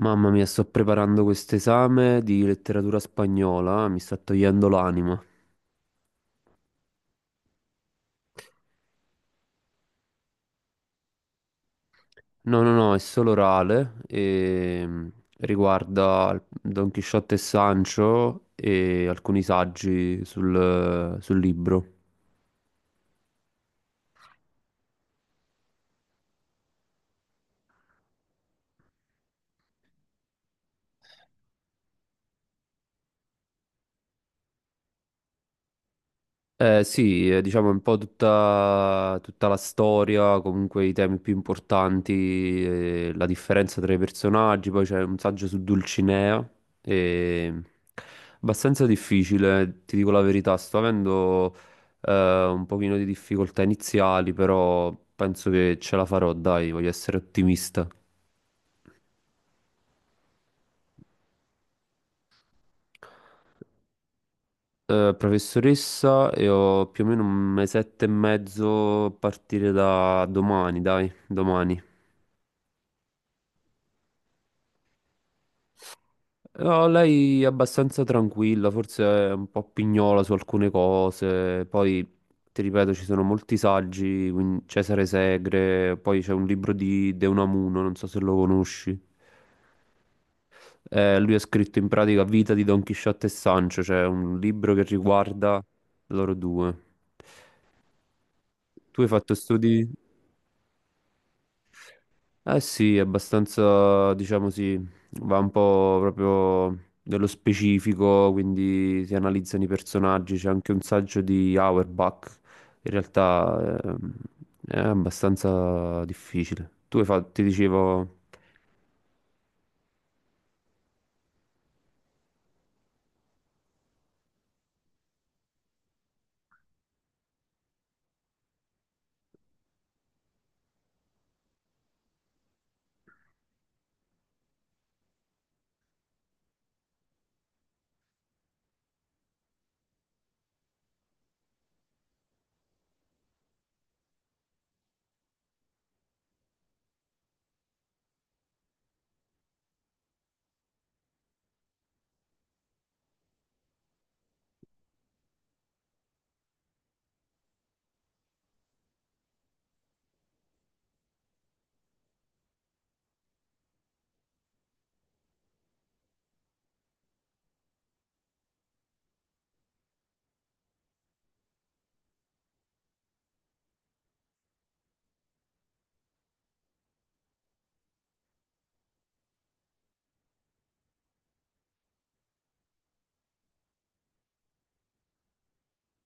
Mamma mia, sto preparando questo esame di letteratura spagnola, mi sta togliendo l'anima. No, no, no, è solo orale e riguarda Don Chisciotte e Sancho e alcuni saggi sul libro. Sì, diciamo un po' tutta la storia, comunque i temi più importanti, la differenza tra i personaggi, poi c'è un saggio su Dulcinea, e... abbastanza difficile, ti dico la verità, sto avendo un pochino di difficoltà iniziali, però penso che ce la farò, dai, voglio essere ottimista. Professoressa, e ho più o meno un mesetto e mezzo a partire da domani, dai, domani. No, lei è abbastanza tranquilla, forse è un po' pignola su alcune cose, poi ti ripeto ci sono molti saggi, quindi Cesare Segre, poi c'è un libro di De Unamuno, non so se lo conosci. Lui ha scritto in pratica Vita di Don Chisciotte e Sancho, cioè un libro che riguarda loro due. Tu hai fatto studi? Eh sì, è abbastanza, diciamo sì, va un po' proprio dello specifico, quindi si analizzano i personaggi, c'è anche un saggio di Auerbach, in realtà è abbastanza difficile. Tu hai fatto, ti dicevo...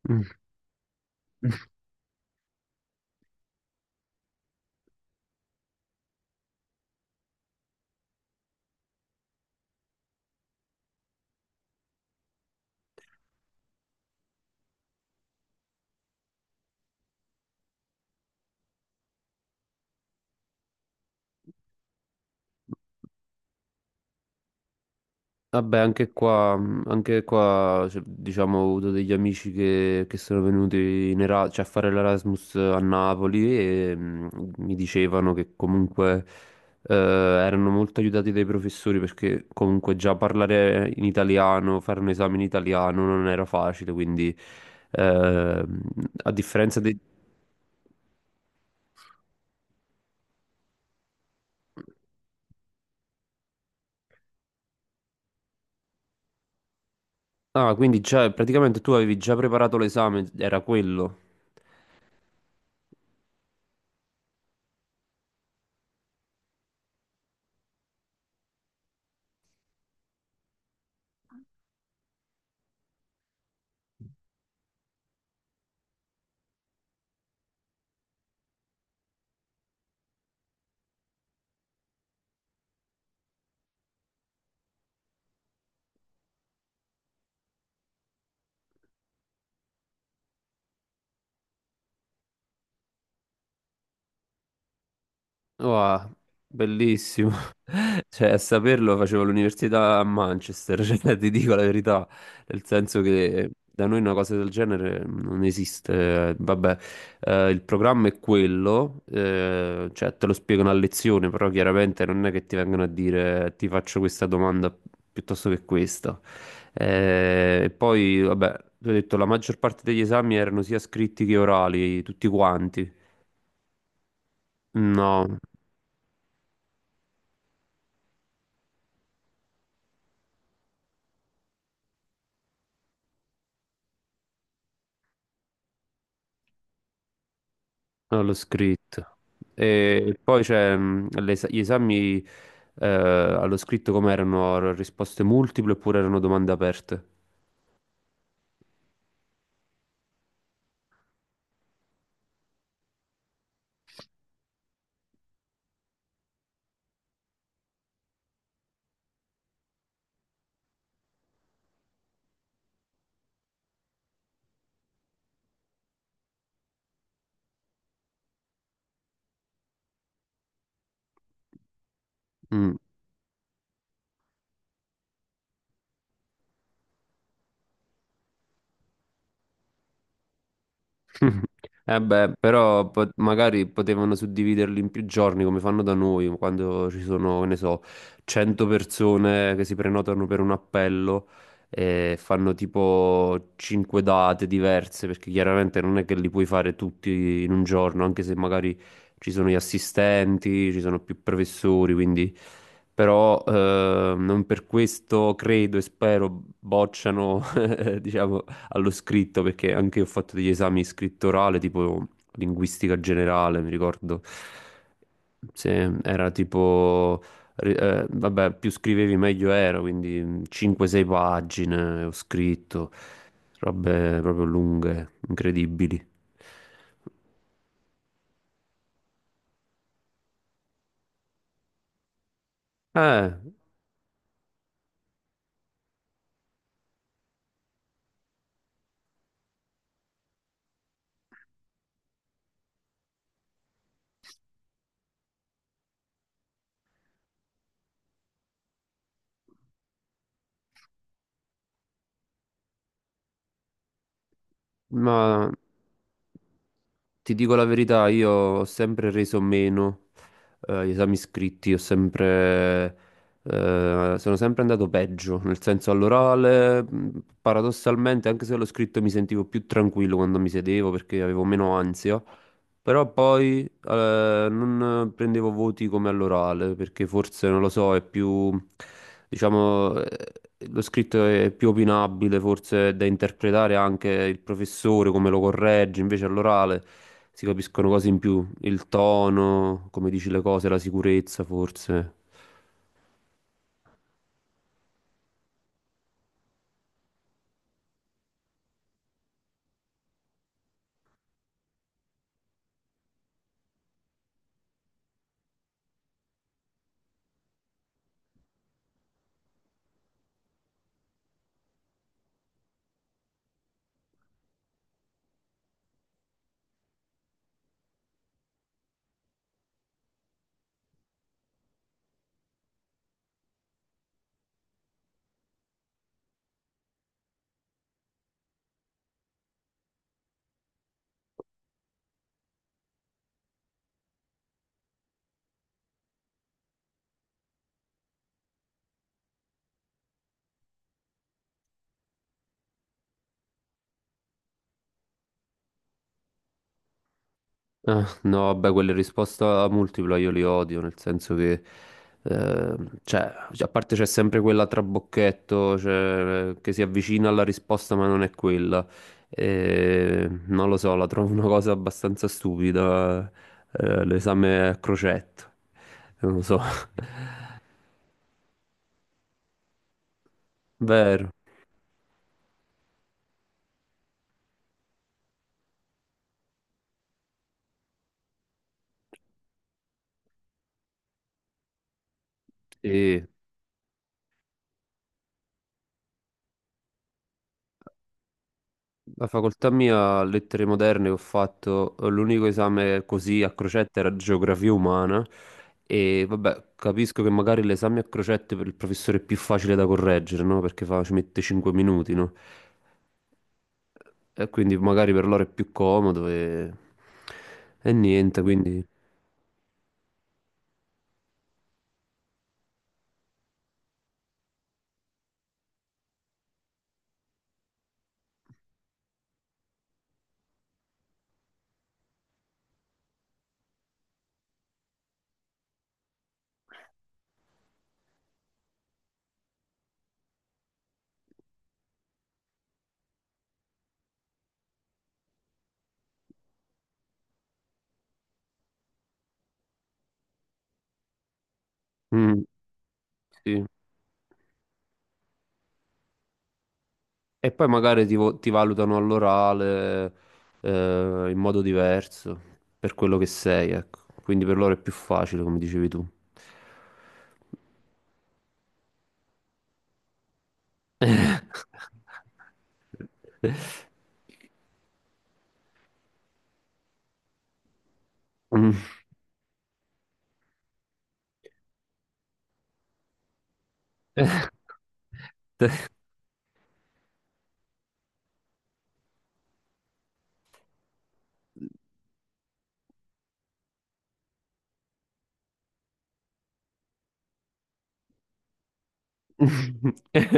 Mhm. Vabbè, anche qua, cioè, diciamo, ho avuto degli amici che sono venuti cioè, a fare l'Erasmus a Napoli e mi dicevano che comunque erano molto aiutati dai professori perché comunque già parlare in italiano, fare un esame in italiano non era facile, quindi eh, a differenza dei... Ah, quindi già, praticamente tu avevi già preparato l'esame, era quello. Wow, bellissimo. Cioè, a saperlo facevo l'università a Manchester, cioè, ti dico la verità, nel senso che da noi una cosa del genere non esiste. Vabbè, il programma è quello, cioè te lo spiegano a lezione, però chiaramente non è che ti vengono a dire ti faccio questa domanda piuttosto che questa. E poi, vabbè, ti ho detto, la maggior parte degli esami erano sia scritti che orali, tutti quanti. No. No, l'ho scritto. E poi c'è gli esami allo scritto come erano? Risposte multiple oppure erano domande aperte? Mm. Eh beh, però magari potevano suddividerli in più giorni come fanno da noi, quando ci sono, che ne so, 100 persone che si prenotano per un appello e fanno tipo 5 date diverse, perché chiaramente non è che li puoi fare tutti in un giorno, anche se magari ci sono gli assistenti, ci sono più professori, quindi però non per questo credo e spero bocciano, diciamo, allo scritto, perché anche io ho fatto degli esami scrittorale, tipo linguistica generale, mi ricordo. Se era tipo, vabbè, più scrivevi meglio era, quindi 5-6 pagine ho scritto, robe proprio lunghe, incredibili. Eh, ma ti dico la verità, io ho sempre reso meno gli esami scritti, ho sempre, sono sempre andato peggio, nel senso all'orale, paradossalmente, anche se l'ho scritto mi sentivo più tranquillo quando mi sedevo perché avevo meno ansia, però poi non prendevo voti come all'orale, perché forse, non lo so, è più, diciamo, lo scritto è più opinabile, forse è da interpretare anche il professore come lo corregge, invece all'orale si capiscono cose in più, il tono, come dici le cose, la sicurezza, forse. Ah, no, vabbè, quelle risposte a multipla io le odio, nel senso che, eh, cioè, a parte c'è sempre quella trabocchetto, cioè, che si avvicina alla risposta ma non è quella. E, non lo so, la trovo una cosa abbastanza stupida, l'esame a crocetto, non lo so. Vero, sì. La facoltà mia, lettere moderne, ho fatto l'unico esame così a crocette era geografia umana e vabbè, capisco che magari l'esame a crocette per il professore è più facile da correggere, no? Perché ci mette 5 minuti, no? E quindi magari per loro è più comodo e niente, quindi... Mm, sì. E poi magari ti valutano all'orale in modo diverso per quello che sei, ecco. Quindi per loro è più facile, come dicevi tu. Mm.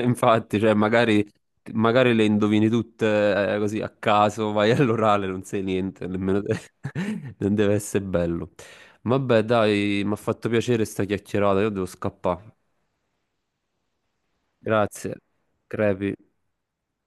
Infatti, cioè, magari, le indovini tutte così a caso, vai all'orale, non sai niente, nemmeno te. Non deve essere bello. Vabbè, dai, mi ha fatto piacere sta chiacchierata, io devo scappare. Grazie, Crepi.